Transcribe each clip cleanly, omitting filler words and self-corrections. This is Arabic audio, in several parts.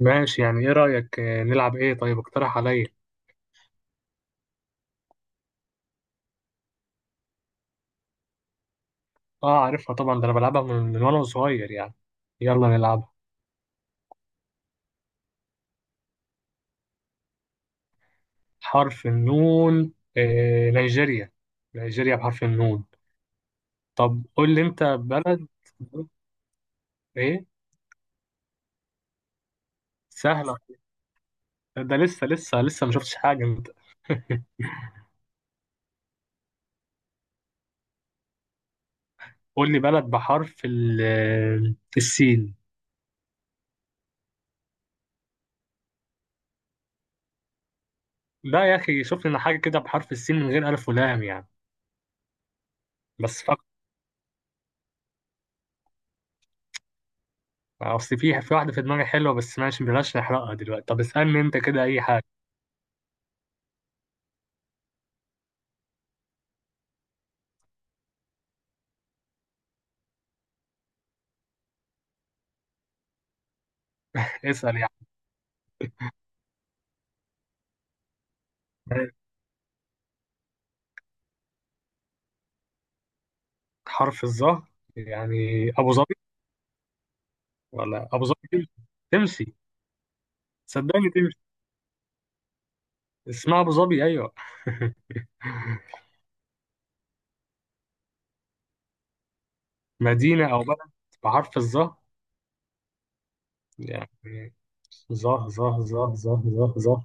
ماشي، يعني ايه رأيك؟ نلعب ايه؟ طيب اقترح عليا. اه عارفها طبعا، ده انا بلعبها من وانا صغير يعني. يلا نلعبها. حرف النون؟ آه، نيجيريا. نيجيريا بحرف النون. طب قول لي انت بلد. ايه؟ سهلة. ده لسه لسه ما شفتش حاجة انت. قول لي بلد بحرف السين. لا يا اخي، شوف لنا حاجة كده بحرف السين من غير ألف ولام يعني، بس فقط. اصل في واحدة في دماغي حلوة، بس ماشي بلاش نحرقها دلوقتي. طب اسألني انت كده اي حاجة. اسأل يعني. حرف الظهر؟ يعني ابو ظبي. ولا ابو ظبي تمشي؟ تمشي. صدقني تمشي. اسمها ابو ظبي ايوه. مدينه او بلد بحرف الظهر، يعني. ظه ظه ظه ظه ظه ظه.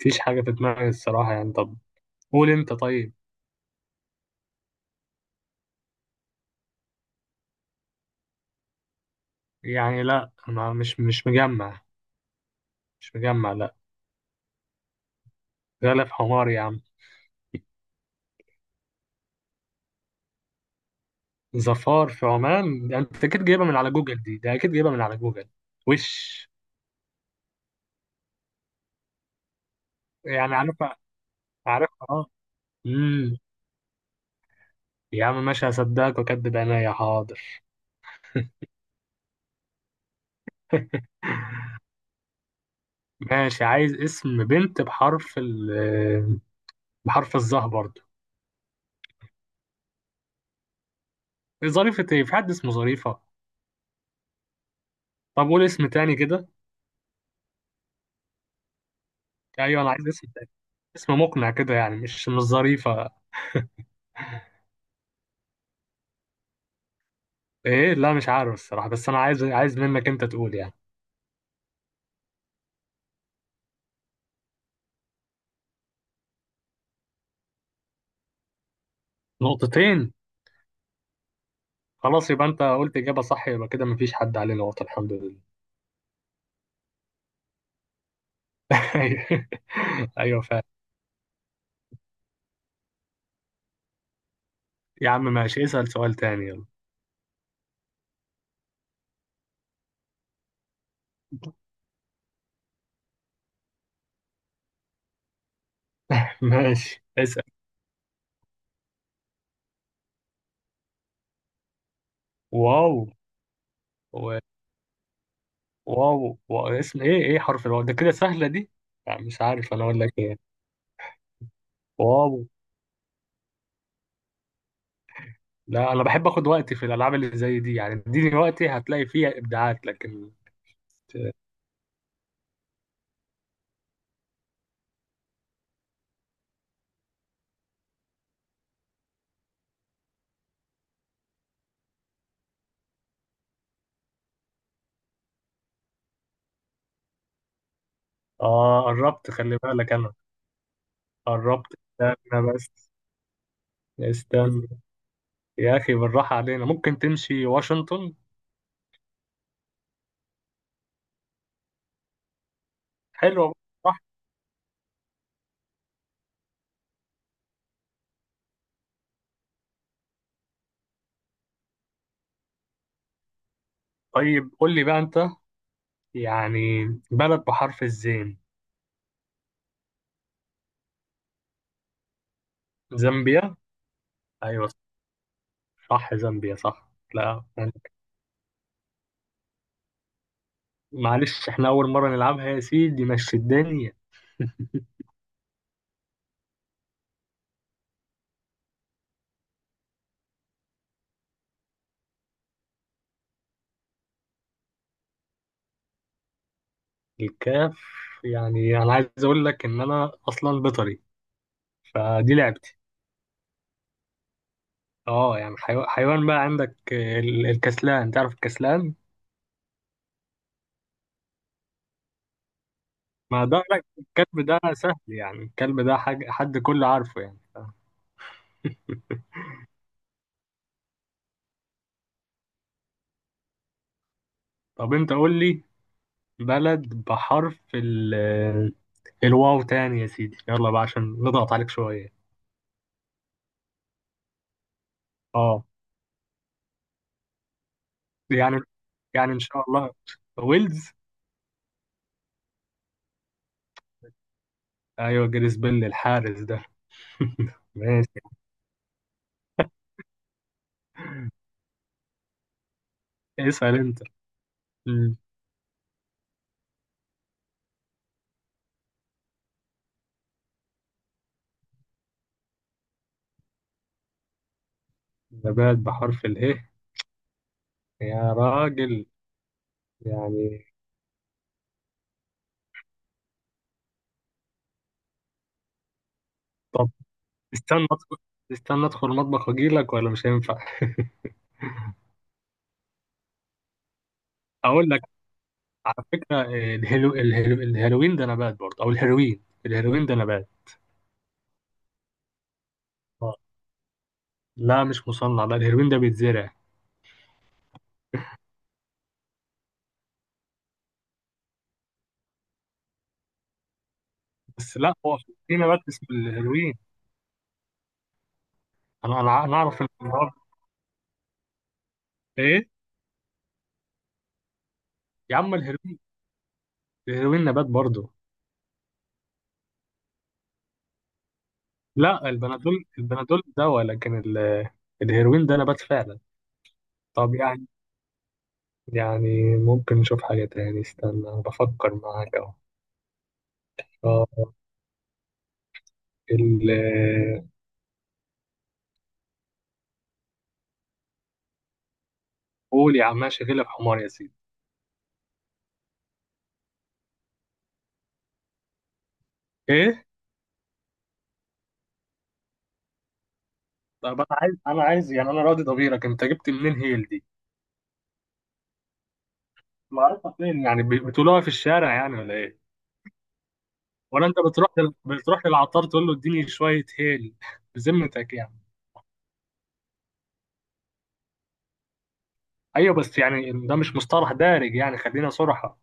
مفيش حاجه في دماغي الصراحه يعني. طب قول انت طيب. يعني لا، انا مش مجمع. مش مجمع لا. غلا في حمار يا عم. ظفار في عمان؟ ده انت اكيد جايبها من على جوجل دي، ده اكيد جايبها من على جوجل. وش يعني عارفها؟ عارفها اه. يا عم ماشي، هصدقك واكدب عينيا، حاضر. ماشي، عايز اسم بنت بحرف ال، بحرف الظهر برضه؟ ظريفة؟ ايه، في حد اسمه ظريفة؟ طب قول اسم تاني كده. ايوه انا عايز اسم تاني، اسم مقنع كده يعني، مش ظريفة. ايه لا مش عارف الصراحة، بس انا عايز، عايز منك انت تقول يعني. نقطتين؟ خلاص، يبقى انت قلت اجابة صح، يبقى كده مفيش حد عليه نقطة الحمد لله. ايوه. ايوه فعلا. يا عم ماشي، اسأل سؤال تاني يلا. ماشي اسأل. واو. واو واو، اسم ايه؟ ايه حرف الواو ده كده؟ سهلة دي. لا مش عارف انا اقول لك ايه. واو. لا انا بحب اخد وقتي في الالعاب اللي زي دي يعني، اديني وقتي هتلاقي فيها ابداعات لكن. اه قربت، خلي بالك انا. قربت. استنى بس. استنى. يا اخي بالراحة علينا، ممكن تمشي واشنطن؟ حلوة. صح. طيب قول لي بقى انت، يعني، بلد بحرف الزين. زامبيا. ايوه. صح، زامبيا صح لا؟ معلش احنا اول مرة نلعبها يا سيدي، مشي الدنيا. الكاف. يعني انا عايز اقول لك ان انا اصلا بيطري، فدي لعبتي. اه يعني حيوان بقى، عندك الكسلان، تعرف الكسلان؟ ما ده لك، الكلب ده سهل يعني، الكلب ده حاجة حد كله عارفه يعني طب انت قول لي بلد بحرف ال، الواو تاني يا سيدي، يلا بقى عشان نضغط عليك شوية. اه يعني، يعني ان شاء الله، ويلز. ايوه جاريث بيل الحارس ده. ماشي. اسأل انت. م. نبات بحرف اله؟ يا راجل، يعني. طب استنى أدخل، استنى أدخل المطبخ وأجيلك ولا مش هينفع؟ أقول لك، على فكرة الهلو... الهلو... الهيروين ده نبات برضه، أو الهيروين، الهيروين ده نبات. آه. لا مش مصنع لا، الهيروين ده بيتزرع. بس لا، هو في نبات اسمه الهيروين، أنا أعرف إن هو. إيه؟ يا عم الهيروين، الهيروين نبات برضه. لا البنادول، البنادول دواء، لكن ال... الهيروين ده نبات فعلا. طب يعني، يعني ممكن نشوف حاجة تاني، استنى أنا بفكر معاك أهو. آه، ال. قول يا عم ماشي، غلب حمار يا سيدي. إيه؟ طب أنا عايز، أنا عايز يعني، أنا راضي ضميرك أنت جبت منين هيل دي؟ معرفة فين يعني؟ بتقولوها في الشارع يعني ولا إيه؟ ولا أنت بتروح لل... بتروح للعطار تقول له اديني شوية هيل؟ بذمتك يعني. أيوه بس يعني ده مش مصطلح دارج يعني، خلينا صراحة.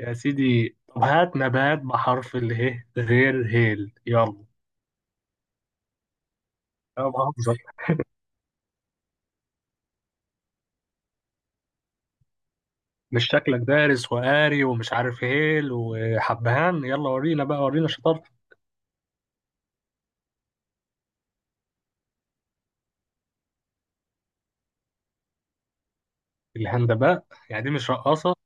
يا سيدي طب هات نبات بحرف اله غير هيل يلا. أنا بهزر. مش شكلك دارس وقاري ومش عارف هيل وحبهان، يلا ورينا بقى، ورينا شطارتك. الهندباء؟ يعني دي مش رقاصة؟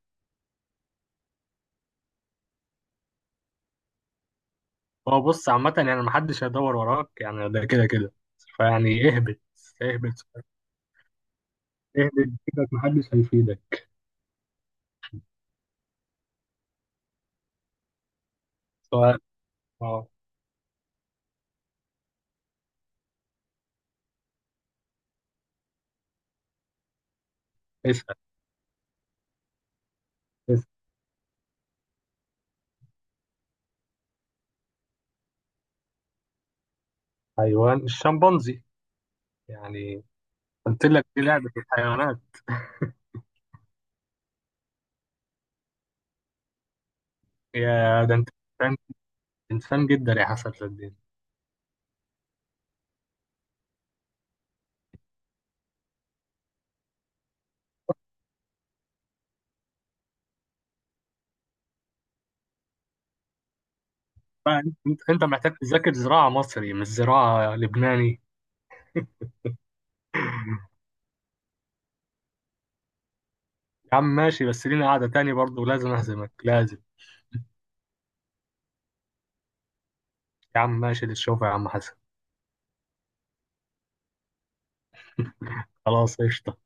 هو بص، عامة يعني محدش هيدور وراك، يعني ده كده كده، فيعني اهبط. اهبط. اهبط كده، محدش هيفيدك. سواء. اه اسأل. اسأل. حيوان الشمبانزي. يعني قلت لك دي لعبة الحيوانات. يا ده انت. انسان، انسان جدا يا حسن صدقني. بقى انت، انت محتاج تذاكر زراعة مصري مش زراعة لبناني. يا عم ماشي، بس لينا قعدة تاني برضه، لازم أهزمك لازم. يا عم ماشي، للشوفة يا عم حسن. خلاص قشطة.